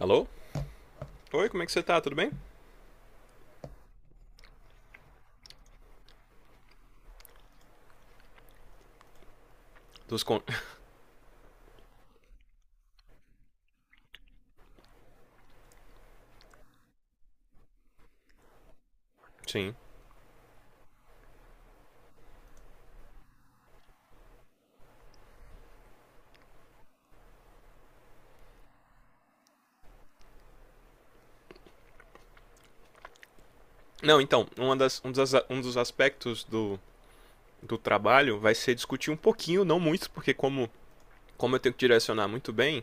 Alô? Oi, como é que você tá? Tudo bem? Dos con... Sim. Não, então, uma das, um dos aspectos do, do trabalho vai ser discutir um pouquinho, não muito, porque como, como eu tenho que direcionar muito bem,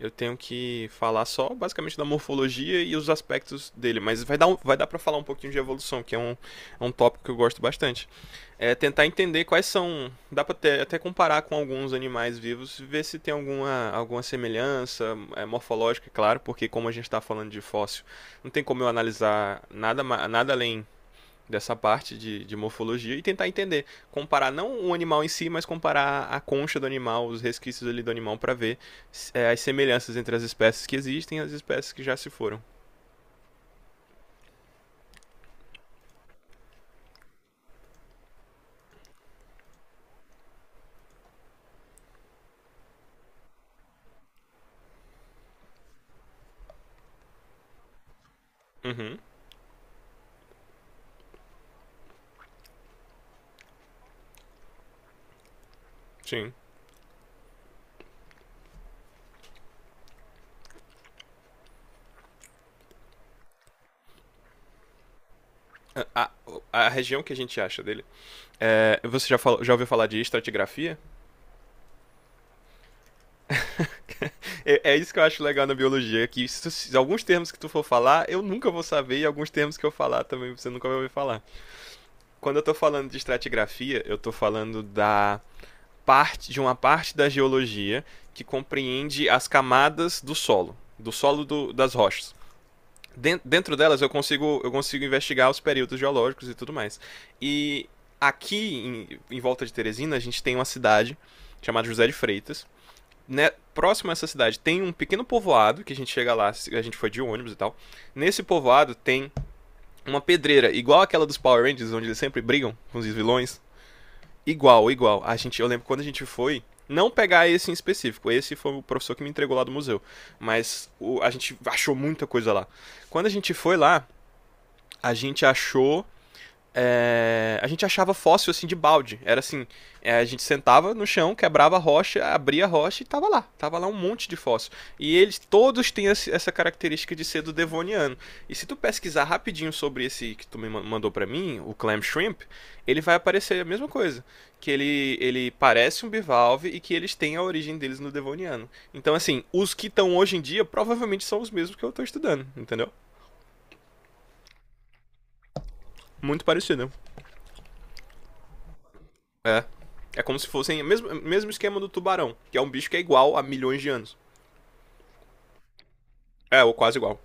eu tenho que falar só basicamente da morfologia e os aspectos dele, mas vai dar, vai dar para falar um pouquinho de evolução, que é um tópico que eu gosto bastante. É tentar entender quais são, dá para até, até comparar com alguns animais vivos, ver se tem alguma, alguma semelhança morfológica, é claro, porque como a gente está falando de fóssil, não tem como eu analisar nada, nada além dessa parte de morfologia e tentar entender, comparar não o animal em si, mas comparar a concha do animal, os resquícios ali do animal para ver as semelhanças entre as espécies que existem e as espécies que já se foram. Uhum. Sim. A, a região que a gente acha dele. É, você já, falou, já ouviu falar de estratigrafia? É, é, isso que eu acho legal na biologia, que se, alguns termos que tu for falar, eu nunca vou saber, e alguns termos que eu falar também você nunca vai ouvir falar. Quando eu tô falando de estratigrafia, eu tô falando da parte de uma parte da geologia que compreende as camadas do solo, do solo do, das rochas. Dentro delas eu consigo investigar os períodos geológicos e tudo mais. E aqui, em, em volta de Teresina, a gente tem uma cidade chamada José de Freitas. Né, próximo a essa cidade tem um pequeno povoado, que a gente chega lá, a gente foi de ônibus e tal. Nesse povoado tem uma pedreira, igual aquela dos Power Rangers, onde eles sempre brigam com os vilões. Igual, igual. A gente, eu lembro quando a gente foi, não pegar esse em específico. Esse foi o professor que me entregou lá do museu. Mas a gente achou muita coisa lá. Quando a gente foi lá, a gente achou a gente achava fóssil assim de balde. Era assim, a gente sentava no chão, quebrava a rocha, abria a rocha e tava lá. Tava lá um monte de fóssil. E eles todos têm essa característica de ser do Devoniano. E se tu pesquisar rapidinho sobre esse que tu me mandou para mim, o clam shrimp, ele vai aparecer a mesma coisa. Que ele parece um bivalve e que eles têm a origem deles no Devoniano. Então, assim, os que estão hoje em dia provavelmente são os mesmos que eu tô estudando, entendeu? Muito parecido. É. É como se fossem o mesmo, mesmo esquema do tubarão, que é um bicho que é igual há milhões de anos. É, ou quase igual.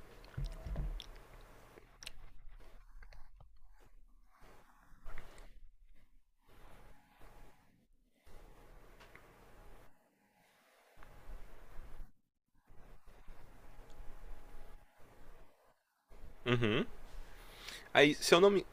Aí, se eu não me.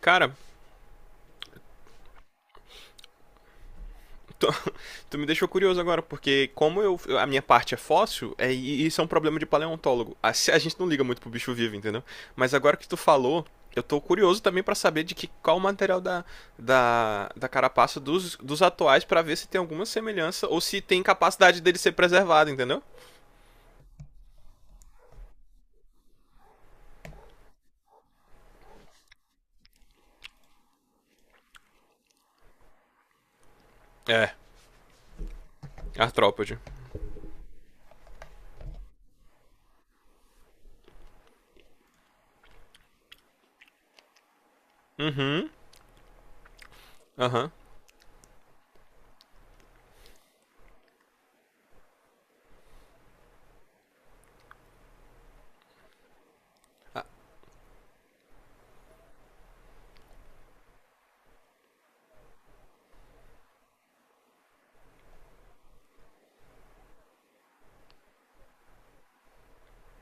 Cara, tu, tu me deixou curioso agora, porque como eu a minha parte é fóssil, isso é um problema de paleontólogo. A gente não liga muito pro bicho vivo, entendeu? Mas agora que tu falou, eu tô curioso também para saber de que qual o material da carapaça dos atuais para ver se tem alguma semelhança ou se tem capacidade dele ser preservado, entendeu? É, artrópode. Aham,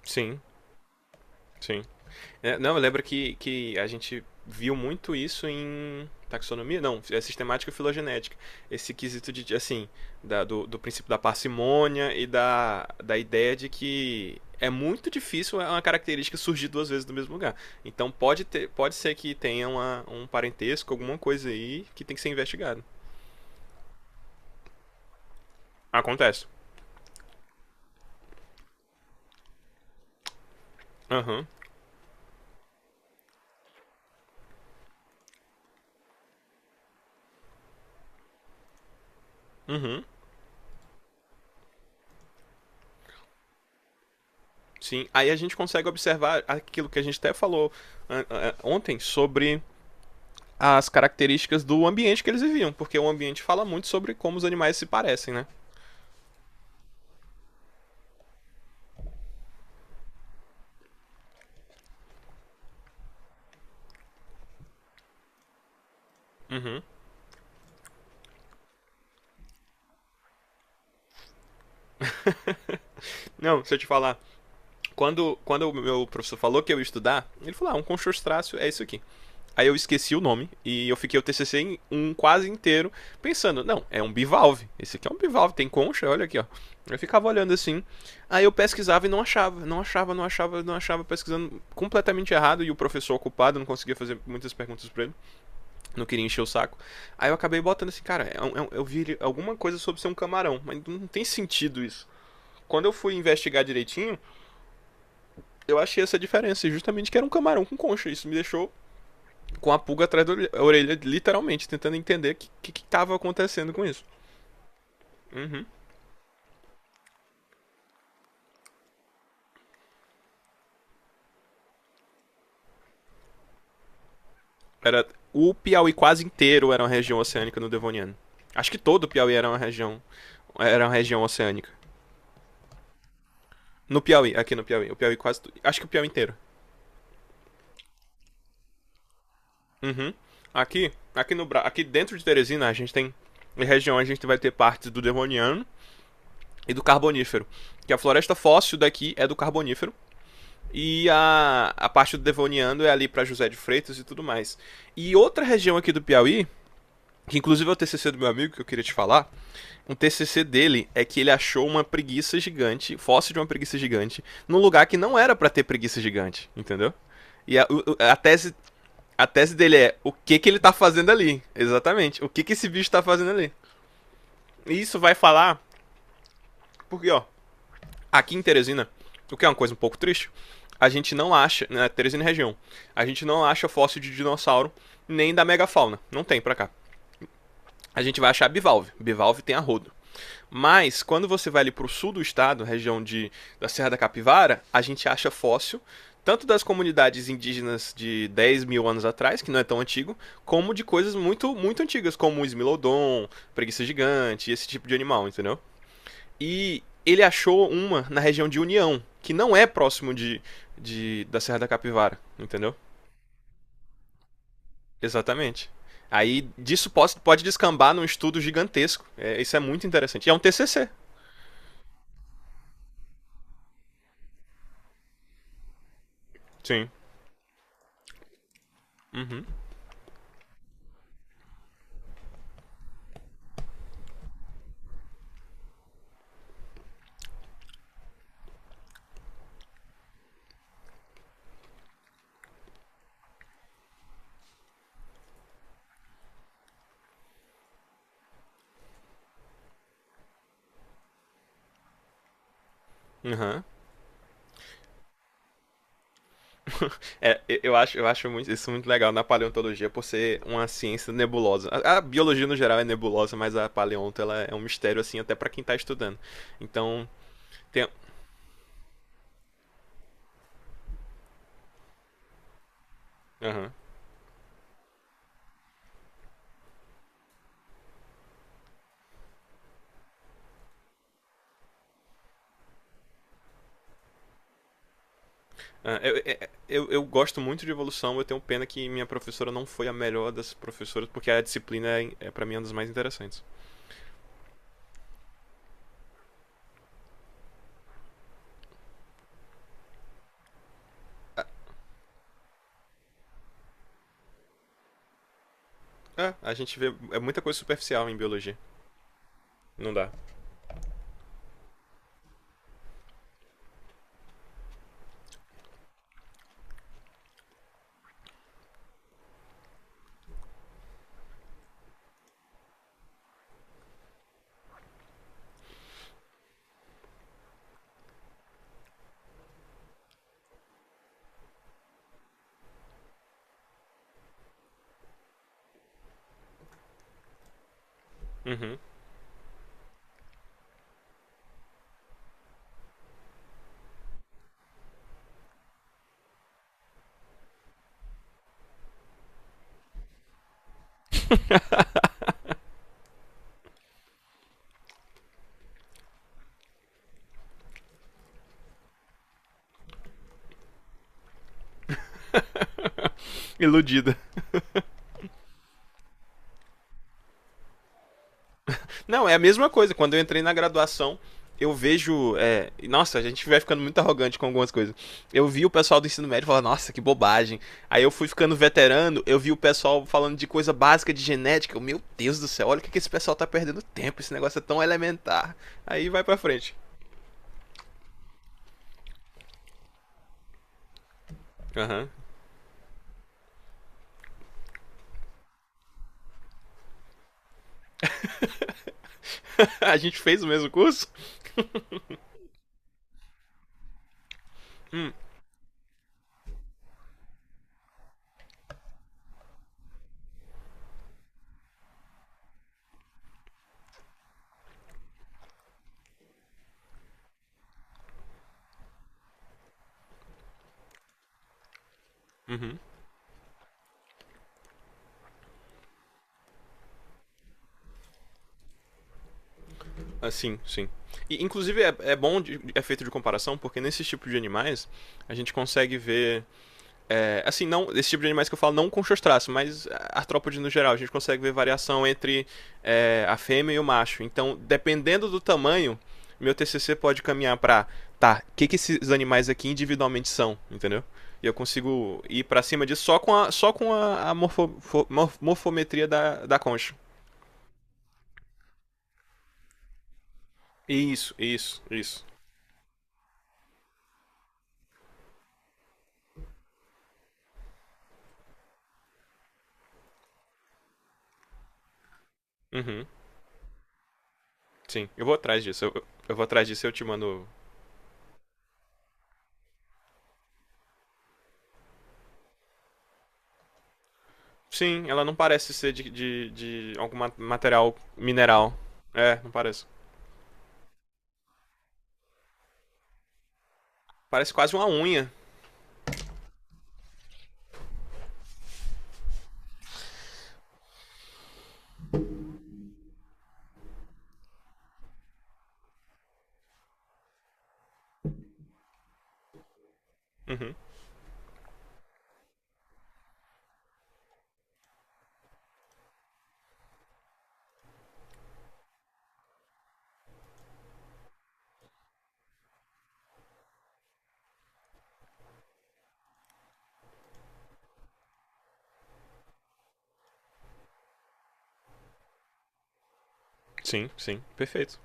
sim, sim. É, não, eu lembro que a gente viu muito isso em taxonomia, não, é sistemática e filogenética. Esse quesito de, assim, do, do princípio da parcimônia e da, da ideia de que é muito difícil é uma característica surgir duas vezes do mesmo lugar. Então pode, ter, pode ser que tenha uma, um parentesco, alguma coisa aí que tem que ser investigado. Acontece. Aham, uhum, uhum, sim. Aí a gente consegue observar aquilo que a gente até falou ah, ah, ontem sobre as características do ambiente que eles viviam, porque o ambiente fala muito sobre como os animais se parecem, né? Uhum. Não, deixa eu te falar. Quando, quando o meu professor falou que eu ia estudar, ele falou: ah, um conchostrácio é isso aqui. Aí eu esqueci o nome e eu fiquei o TCC em um quase inteiro pensando: não, é um bivalve. Esse aqui é um bivalve, tem concha, olha aqui, ó. Eu ficava olhando assim. Aí eu pesquisava e não achava, não achava, não achava, não achava, pesquisando completamente errado e o professor ocupado, não conseguia fazer muitas perguntas para ele. Não queria encher o saco. Aí eu acabei botando assim, cara, eu vi alguma coisa sobre ser um camarão, mas não tem sentido isso. Quando eu fui investigar direitinho, eu achei essa diferença, justamente que era um camarão com concha. Isso me deixou com a pulga atrás da orelha, literalmente, tentando entender o que, que acontecendo com isso. Uhum. Era o Piauí quase inteiro era uma região oceânica no Devoniano. Acho que todo o Piauí era uma região oceânica. No Piauí, aqui no Piauí, o Piauí quase, acho que o Piauí inteiro. Uhum. Aqui, aqui no Bra- aqui dentro de Teresina a gente tem em região a gente vai ter partes do Devoniano e do Carbonífero, que a floresta fóssil daqui é do Carbonífero e a parte do Devoniano é ali para José de Freitas e tudo mais. E outra região aqui do Piauí, que inclusive é o TCC do meu amigo que eu queria te falar, um TCC dele é que ele achou uma preguiça gigante, fóssil de uma preguiça gigante, num lugar que não era para ter preguiça gigante, entendeu? E a tese dele é o que que ele tá fazendo ali. Exatamente. O que que esse bicho tá fazendo ali. E isso vai falar, porque, ó, aqui em Teresina, o que é uma coisa um pouco triste, a gente não acha, né, Teresina e região, a gente não acha fóssil de dinossauro nem da megafauna. Não tem pra cá. A gente vai achar bivalve. Bivalve tem a rodo. Mas quando você vai ali para o sul do estado, região de, da Serra da Capivara, a gente acha fóssil tanto das comunidades indígenas de 10.000 anos atrás, que não é tão antigo, como de coisas muito muito antigas, como o Smilodon, preguiça gigante, esse tipo de animal, entendeu? E ele achou uma na região de União, que não é próximo de da Serra da Capivara, entendeu? Exatamente. Aí disso pode, pode descambar num estudo gigantesco. É, isso é muito interessante. E é um TCC. Sim. Aham. Uhum. Acho, eu acho isso muito legal na paleontologia por ser uma ciência nebulosa. A biologia no geral é nebulosa, mas a paleonto ela é um mistério assim até pra quem tá estudando. Então, tem, aham. Ah, eu gosto muito de evolução, eu tenho pena que minha professora não foi a melhor das professoras, porque a disciplina é, é para mim é uma das mais interessantes. É, a gente vê muita coisa superficial em biologia. Não dá. Uhum. Iludida. Não, é a mesma coisa. Quando eu entrei na graduação, eu vejo. É... Nossa, a gente vai ficando muito arrogante com algumas coisas. Eu vi o pessoal do ensino médio falar, nossa, que bobagem. Aí eu fui ficando veterano, eu vi o pessoal falando de coisa básica de genética. Eu, Meu Deus do céu, olha o que, que esse pessoal tá perdendo tempo. Esse negócio é tão elementar. Aí vai pra frente. Aham. Uhum. a gente fez o mesmo curso? Uhum. Assim, sim. E, inclusive, é bom de, é feito de comparação, porque nesse tipo de animais, a gente consegue ver não, esse tipo de animais que eu falo não com seus traços, mas artrópodes no geral, a gente consegue ver variação entre a fêmea e o macho. Então, dependendo do tamanho, meu TCC pode caminhar para tá, o que, que esses animais aqui individualmente são, entendeu? E eu consigo ir para cima disso só com a morfometria da, da concha. Isso, isso, isso. Uhum, sim, eu vou atrás disso. Eu vou atrás disso e eu te mando Sim, ela não parece ser de algum material mineral. É, não parece. Parece quase uma unha. Uhum. Sim, sim, perfeito.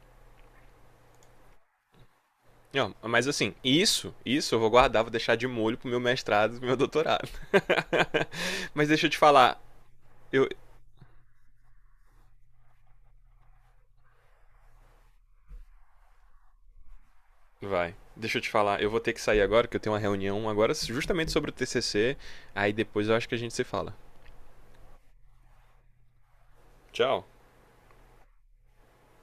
E, ó, mas assim, isso eu vou guardar, vou deixar de molho pro meu mestrado, pro meu doutorado. mas deixa eu te falar, eu... Vai, deixa eu te falar, eu vou ter que sair agora, que eu tenho uma reunião agora justamente sobre o TCC, aí depois eu acho que a gente se fala. Tchau.